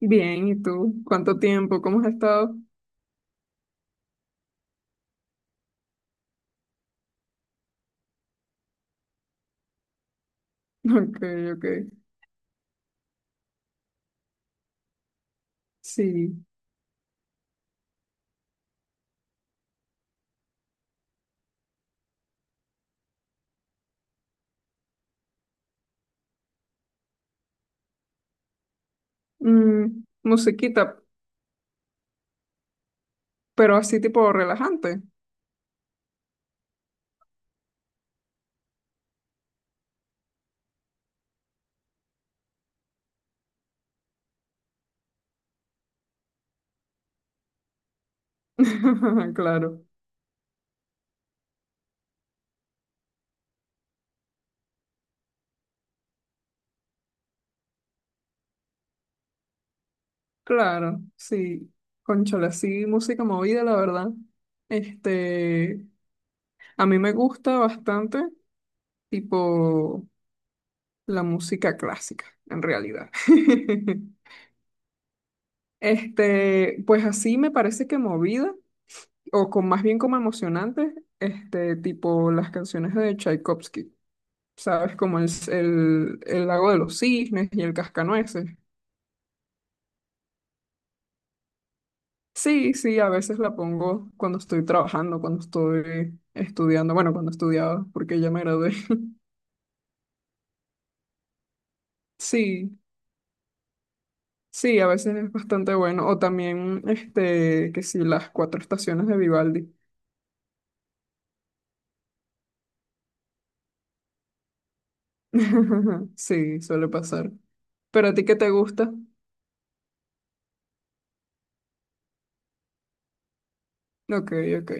Bien, ¿y tú? ¿Cuánto tiempo? ¿Cómo has estado? Ok, ok. Sí. Mm, musiquita, pero así tipo relajante. Claro, claro, sí. Cónchale, sí, música movida, la verdad. Este, a mí me gusta bastante, tipo, la música clásica, en realidad. Pues así me parece que movida, o con más bien como emocionante, tipo las canciones de Tchaikovsky. ¿Sabes? Como el lago de los cisnes y el cascanueces. Sí, sí, a veces la pongo cuando estoy trabajando, cuando estoy estudiando, bueno, cuando estudiaba, porque ya me gradué. Sí, sí, a veces es bastante bueno. O también, que sí, las cuatro estaciones de Vivaldi. Sí, suele pasar. ¿Pero a ti qué te gusta? Ok, ok.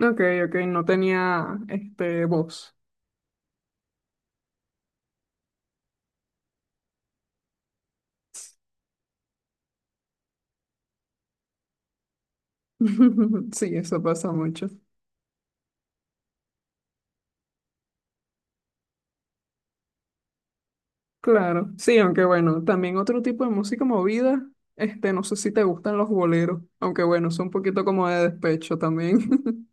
Ok, ok, no tenía, voz. Sí, eso pasa mucho. Claro, sí, aunque bueno, también otro tipo de música movida, no sé si te gustan los boleros, aunque bueno, son un poquito como de despecho también.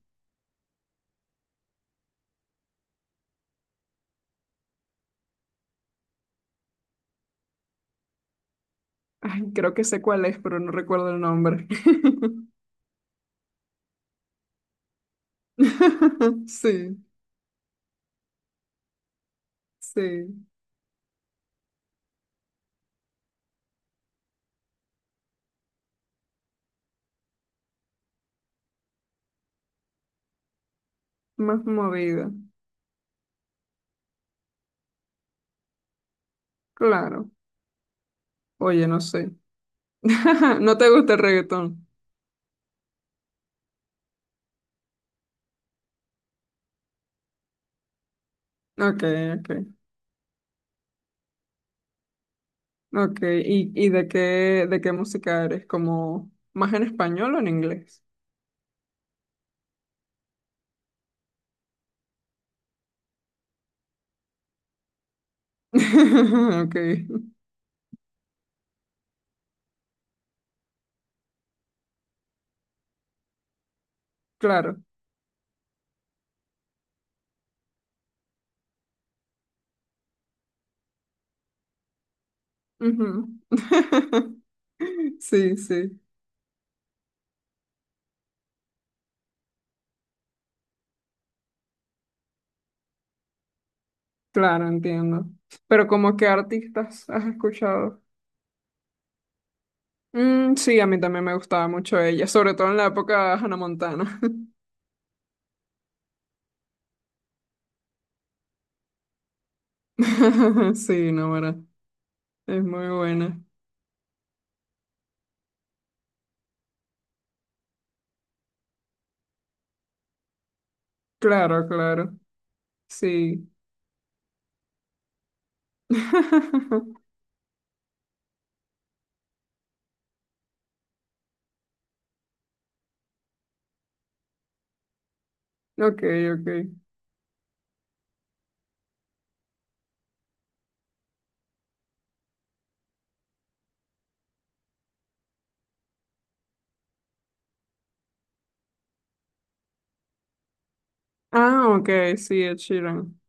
Ay, creo que sé cuál es, pero no recuerdo el nombre. Sí, sí, más movida, claro. Oye, no sé. ¿No te gusta el reggaetón? Ok, ok, ok. ¿Y de qué música eres? ¿Como más en español o en inglés? Ok, claro. Ujú. Sí, sí, claro, entiendo. ¿Pero como qué artistas has escuchado? Mm, sí, a mí también me gustaba mucho ella, sobre todo en la época de Hannah Montana. Sí, no, ¿verdad? Es muy buena. Claro, claro. Sí. Ok, ok. Ah, ok, sí, Ed Sheeran.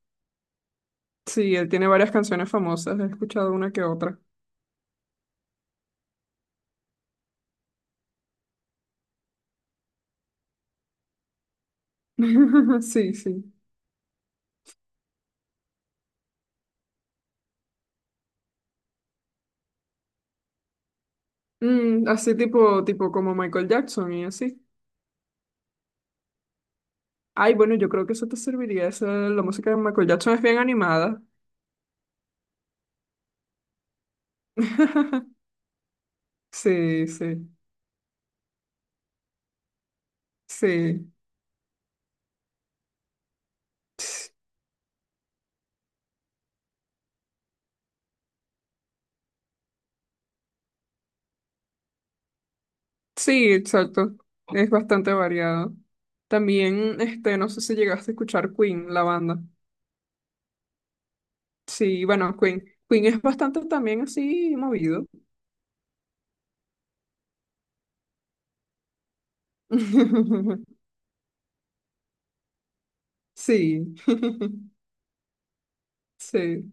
Sí, él tiene varias canciones famosas, he escuchado una que otra. Sí, sí. Mm, así tipo, tipo como Michael Jackson y así. Ay, bueno, yo creo que eso te serviría. Esa, la música de Michael Jackson es bien animada. Sí, sí, sí. Sí, exacto. Es bastante variado. También, no sé si llegaste a escuchar Queen, la banda. Sí, bueno, Queen. Queen es bastante también así movido. Sí, sí.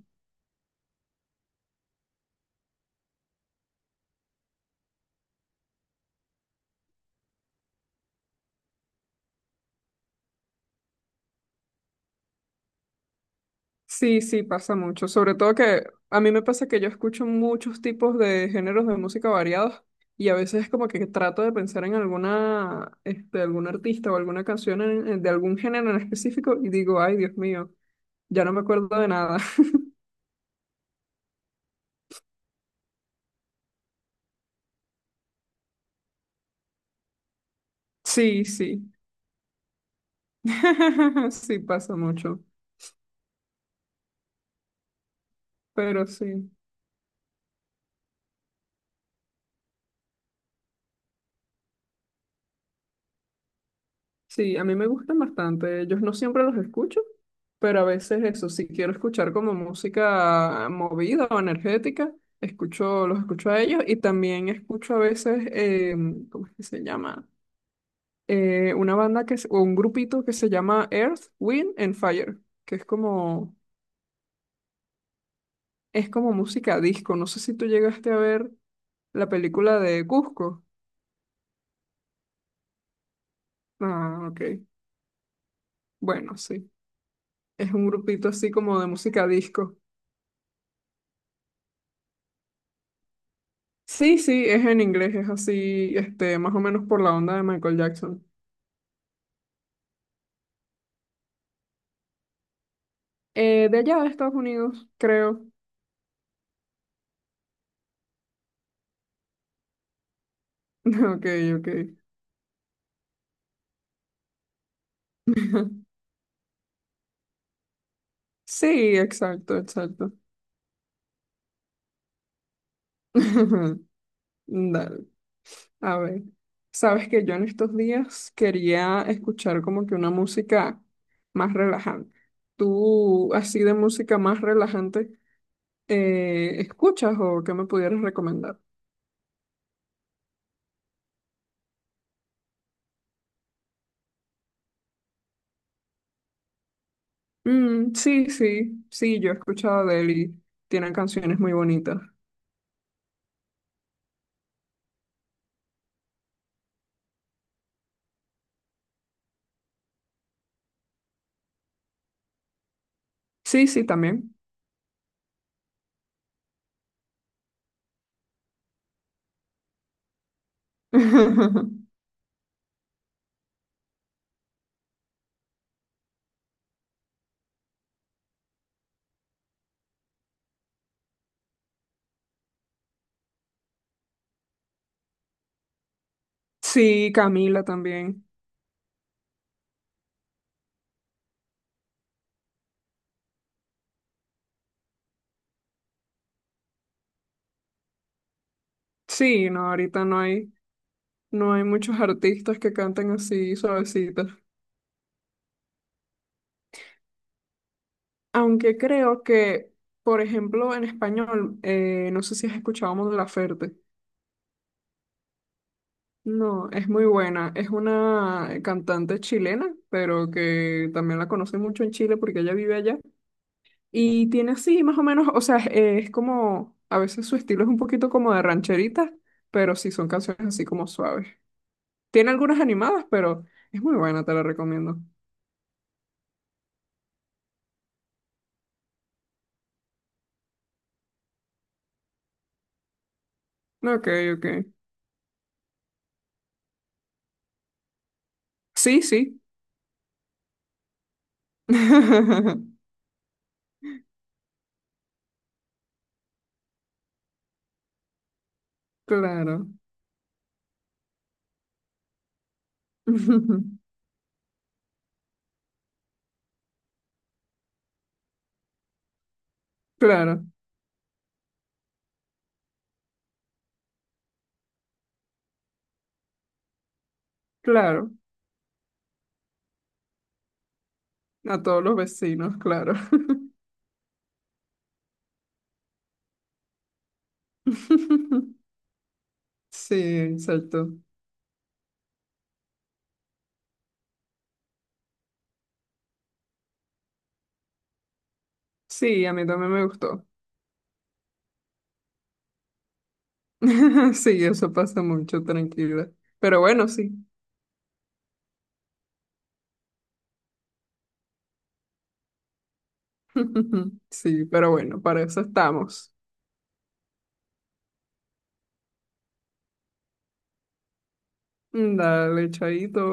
Sí, sí, pasa mucho. Sobre todo que a mí me pasa que yo escucho muchos tipos de géneros de música variados y a veces es como que trato de pensar en alguna, algún artista o alguna canción de algún género en específico y digo, ay, Dios mío, ya no me acuerdo de nada. Sí, sí. Sí, pasa mucho. Pero sí. Sí, a mí me gustan bastante. Ellos no siempre los escucho, pero a veces eso, si quiero escuchar como música movida o energética, escucho, los escucho a ellos y también escucho a veces, ¿cómo es que se llama? Una banda o un grupito que se llama Earth, Wind and Fire, que es como música disco. No sé si tú llegaste a ver la película de Cusco. Ah, ok. Bueno, sí. Es un grupito así como de música disco. Sí, sí, es en inglés, es así, más o menos por la onda de Michael Jackson. De allá de Estados Unidos, creo. Ok, ok. Sí, exacto, exacto. Dale, a ver. Sabes que yo en estos días quería escuchar como que una música más relajante. ¿Tú, así de música más relajante, escuchas o qué me pudieras recomendar? Mm, sí, sí, sí, yo he escuchado de él y tienen canciones muy bonitas. Sí, sí, también. Sí, Camila también. Sí, no, ahorita no hay, no hay muchos artistas que canten así suavecitos. Aunque creo que, por ejemplo, en español, no sé si has escuchado Mon Laferte. No, es muy buena. Es una cantante chilena, pero que también la conoce mucho en Chile porque ella vive allá. Y tiene así, más o menos, o sea, es como, a veces su estilo es un poquito como de rancherita, pero sí son canciones así como suaves. Tiene algunas animadas, pero es muy buena, te la recomiendo. Ok, ok. Sí, sí. Claro. Claro, claro. A todos los vecinos, claro. Sí, exacto. Sí, a mí también me gustó. Sí, eso pasa mucho, tranquila. Pero bueno, sí. Sí, pero bueno, para eso estamos. Dale, chaito.